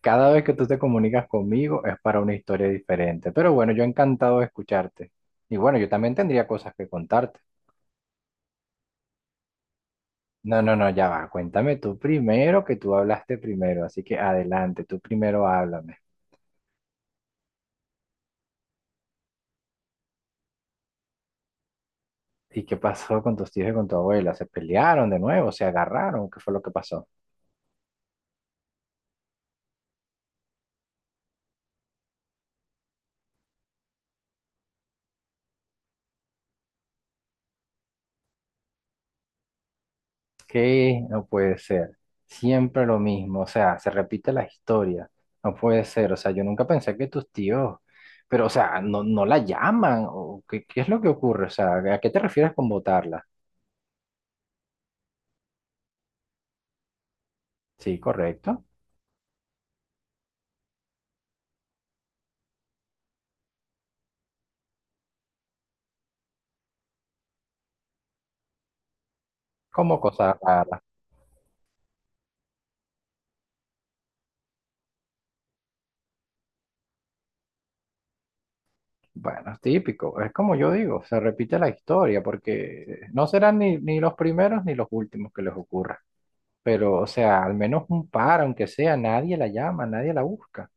Cada vez que tú te comunicas conmigo es para una historia diferente. Pero bueno, yo encantado de escucharte. Y bueno, yo también tendría cosas que contarte. No, no, no, ya va. Cuéntame tú primero, que tú hablaste primero. Así que adelante, tú primero háblame. ¿Y qué pasó con tus tíos y con tu abuela? ¿Se pelearon de nuevo? ¿Se agarraron? ¿Qué fue lo que pasó? ¿Qué? No puede ser. Siempre lo mismo, o sea, se repite la historia. No puede ser, o sea, yo nunca pensé que tus tíos, pero o sea, no la llaman, o ¿qué, qué es lo que ocurre? O sea, ¿a qué te refieres con votarla? Sí, correcto. Como cosa rara. Bueno, es típico, es como yo digo, se repite la historia, porque no serán ni los primeros ni los últimos que les ocurra. Pero, o sea, al menos un par, aunque sea, nadie la llama, nadie la busca.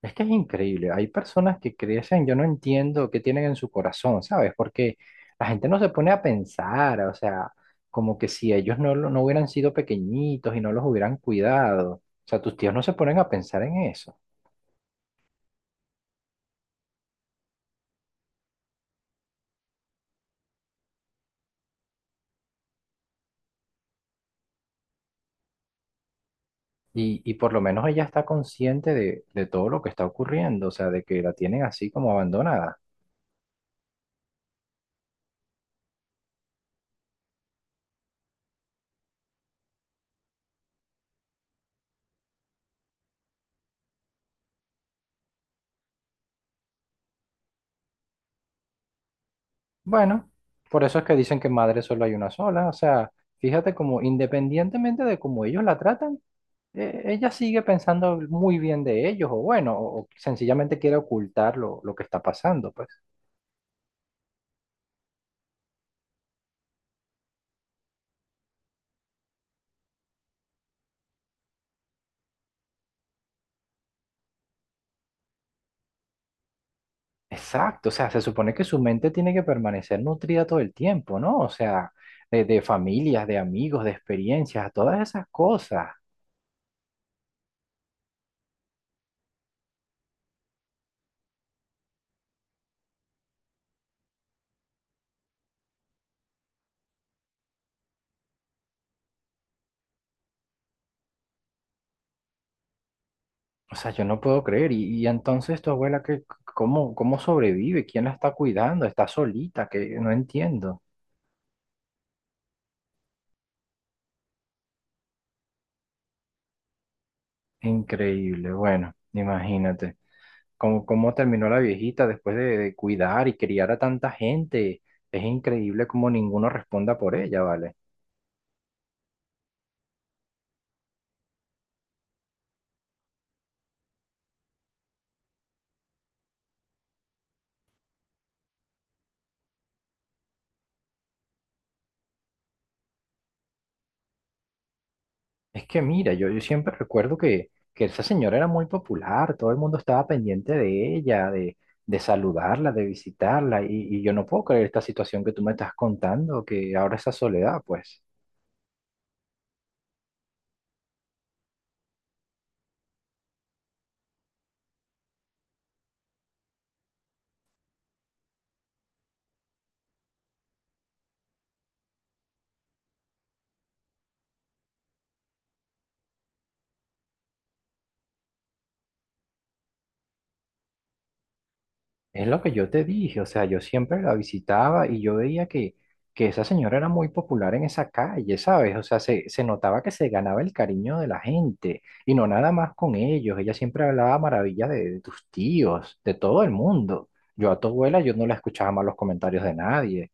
Es que es increíble. Hay personas que crecen, yo no entiendo qué tienen en su corazón, ¿sabes? Porque la gente no se pone a pensar, o sea, como que si ellos no, no hubieran sido pequeñitos y no los hubieran cuidado. O sea, tus tíos no se ponen a pensar en eso. Y por lo menos ella está consciente de todo lo que está ocurriendo, o sea, de que la tienen así como abandonada. Bueno, por eso es que dicen que madre solo hay una sola, o sea, fíjate como independientemente de cómo ellos la tratan. Ella sigue pensando muy bien de ellos, o bueno, o sencillamente quiere ocultar lo que está pasando, pues. Exacto, o sea, se supone que su mente tiene que permanecer nutrida todo el tiempo, ¿no? O sea, de familias, de amigos, de experiencias, todas esas cosas. O sea, yo no puedo creer. Y entonces tu abuela, ¿qué, cómo, cómo sobrevive? ¿Quién la está cuidando? ¿Está solita? Que no entiendo. Increíble, bueno, imagínate. Cómo, cómo terminó la viejita después de cuidar y criar a tanta gente. Es increíble cómo ninguno responda por ella, ¿vale? Es que mira, yo siempre recuerdo que esa señora era muy popular, todo el mundo estaba pendiente de ella, de saludarla, de visitarla, y yo no puedo creer esta situación que tú me estás contando, que ahora esa soledad, pues. Es lo que yo te dije, o sea, yo siempre la visitaba y yo veía que esa señora era muy popular en esa calle, ¿sabes? O sea, se notaba que se ganaba el cariño de la gente y no nada más con ellos. Ella siempre hablaba maravillas de tus tíos, de todo el mundo. Yo a tu abuela, yo no la escuchaba más los comentarios de nadie.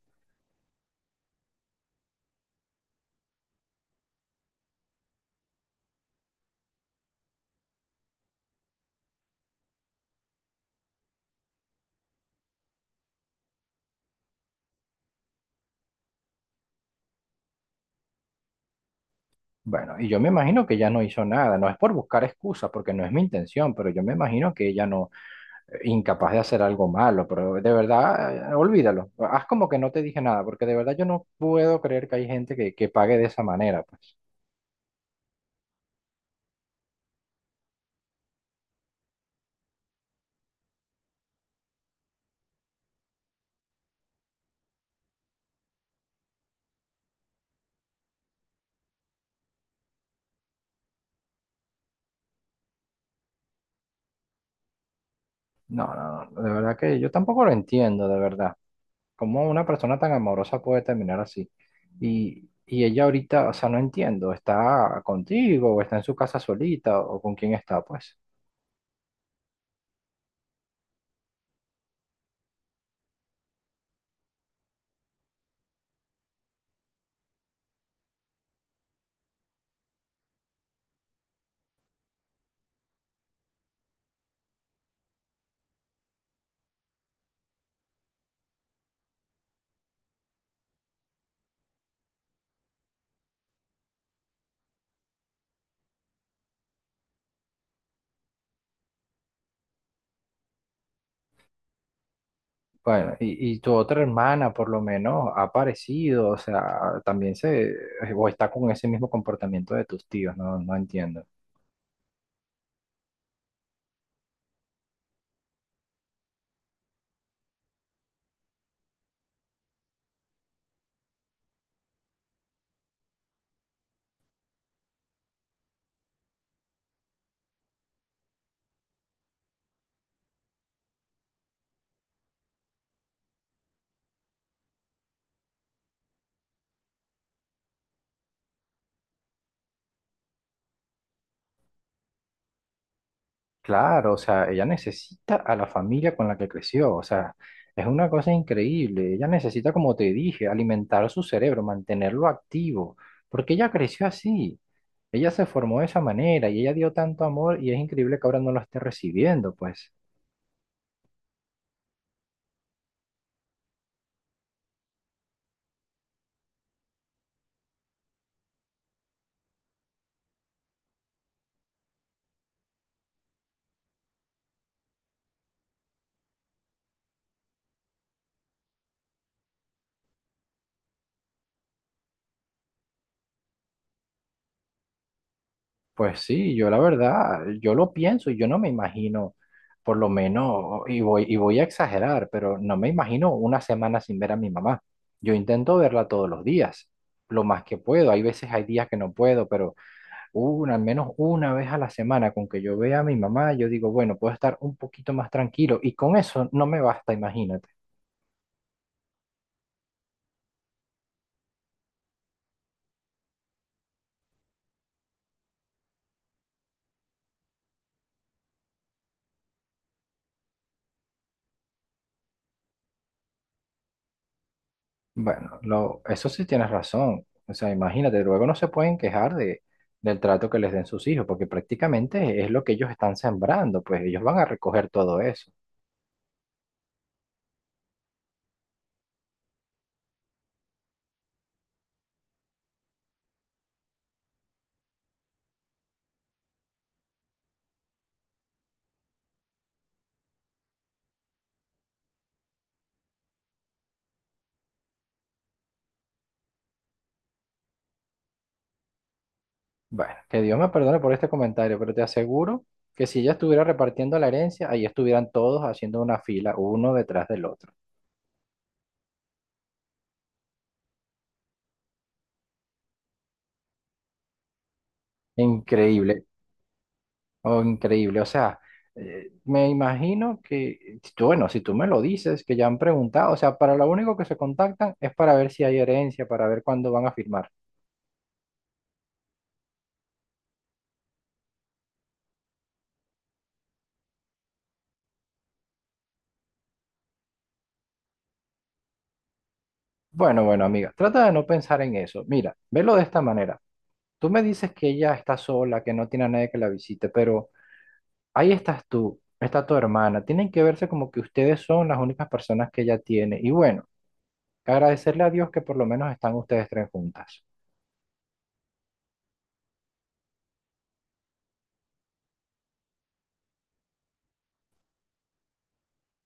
Bueno, y yo me imagino que ella no hizo nada, no es por buscar excusas, porque no es mi intención, pero yo me imagino que ella no, incapaz de hacer algo malo, pero de verdad, olvídalo. Haz como que no te dije nada, porque de verdad yo no puedo creer que hay gente que pague de esa manera. Pues. No, no, no, de verdad que yo tampoco lo entiendo, de verdad. ¿Cómo una persona tan amorosa puede terminar así? Y ella ahorita, o sea, no entiendo, ¿está contigo o está en su casa solita o con quién está, pues? Bueno, y tu otra hermana por lo menos ha aparecido, o sea, también se, o está con ese mismo comportamiento de tus tíos, no, no entiendo. Claro, o sea, ella necesita a la familia con la que creció, o sea, es una cosa increíble. Ella necesita, como te dije, alimentar su cerebro, mantenerlo activo, porque ella creció así, ella se formó de esa manera y ella dio tanto amor y es increíble que ahora no lo esté recibiendo, pues. Pues sí, yo la verdad, yo lo pienso y yo no me imagino, por lo menos, y voy a exagerar, pero no me imagino una semana sin ver a mi mamá. Yo intento verla todos los días, lo más que puedo. Hay días que no puedo, pero al menos una vez a la semana con que yo vea a mi mamá, yo digo, bueno, puedo estar un poquito más tranquilo y con eso no me basta, imagínate. Bueno, eso sí tienes razón. O sea, imagínate, luego no se pueden quejar del trato que les den sus hijos, porque prácticamente es lo que ellos están sembrando, pues ellos van a recoger todo eso. Bueno, que Dios me perdone por este comentario, pero te aseguro que si ella estuviera repartiendo la herencia, ahí estuvieran todos haciendo una fila, uno detrás del otro. Increíble, oh, increíble. O sea, me imagino que, bueno, si tú me lo dices, que ya han preguntado, o sea, para lo único que se contactan es para ver si hay herencia, para ver cuándo van a firmar. Bueno, bueno, amiga, trata de no pensar en eso. Mira, velo de esta manera. Tú me dices que ella está sola, que no tiene a nadie que la visite, pero ahí estás tú, está tu hermana. Tienen que verse como que ustedes son las únicas personas que ella tiene. Y bueno, agradecerle a Dios que por lo menos están ustedes tres juntas.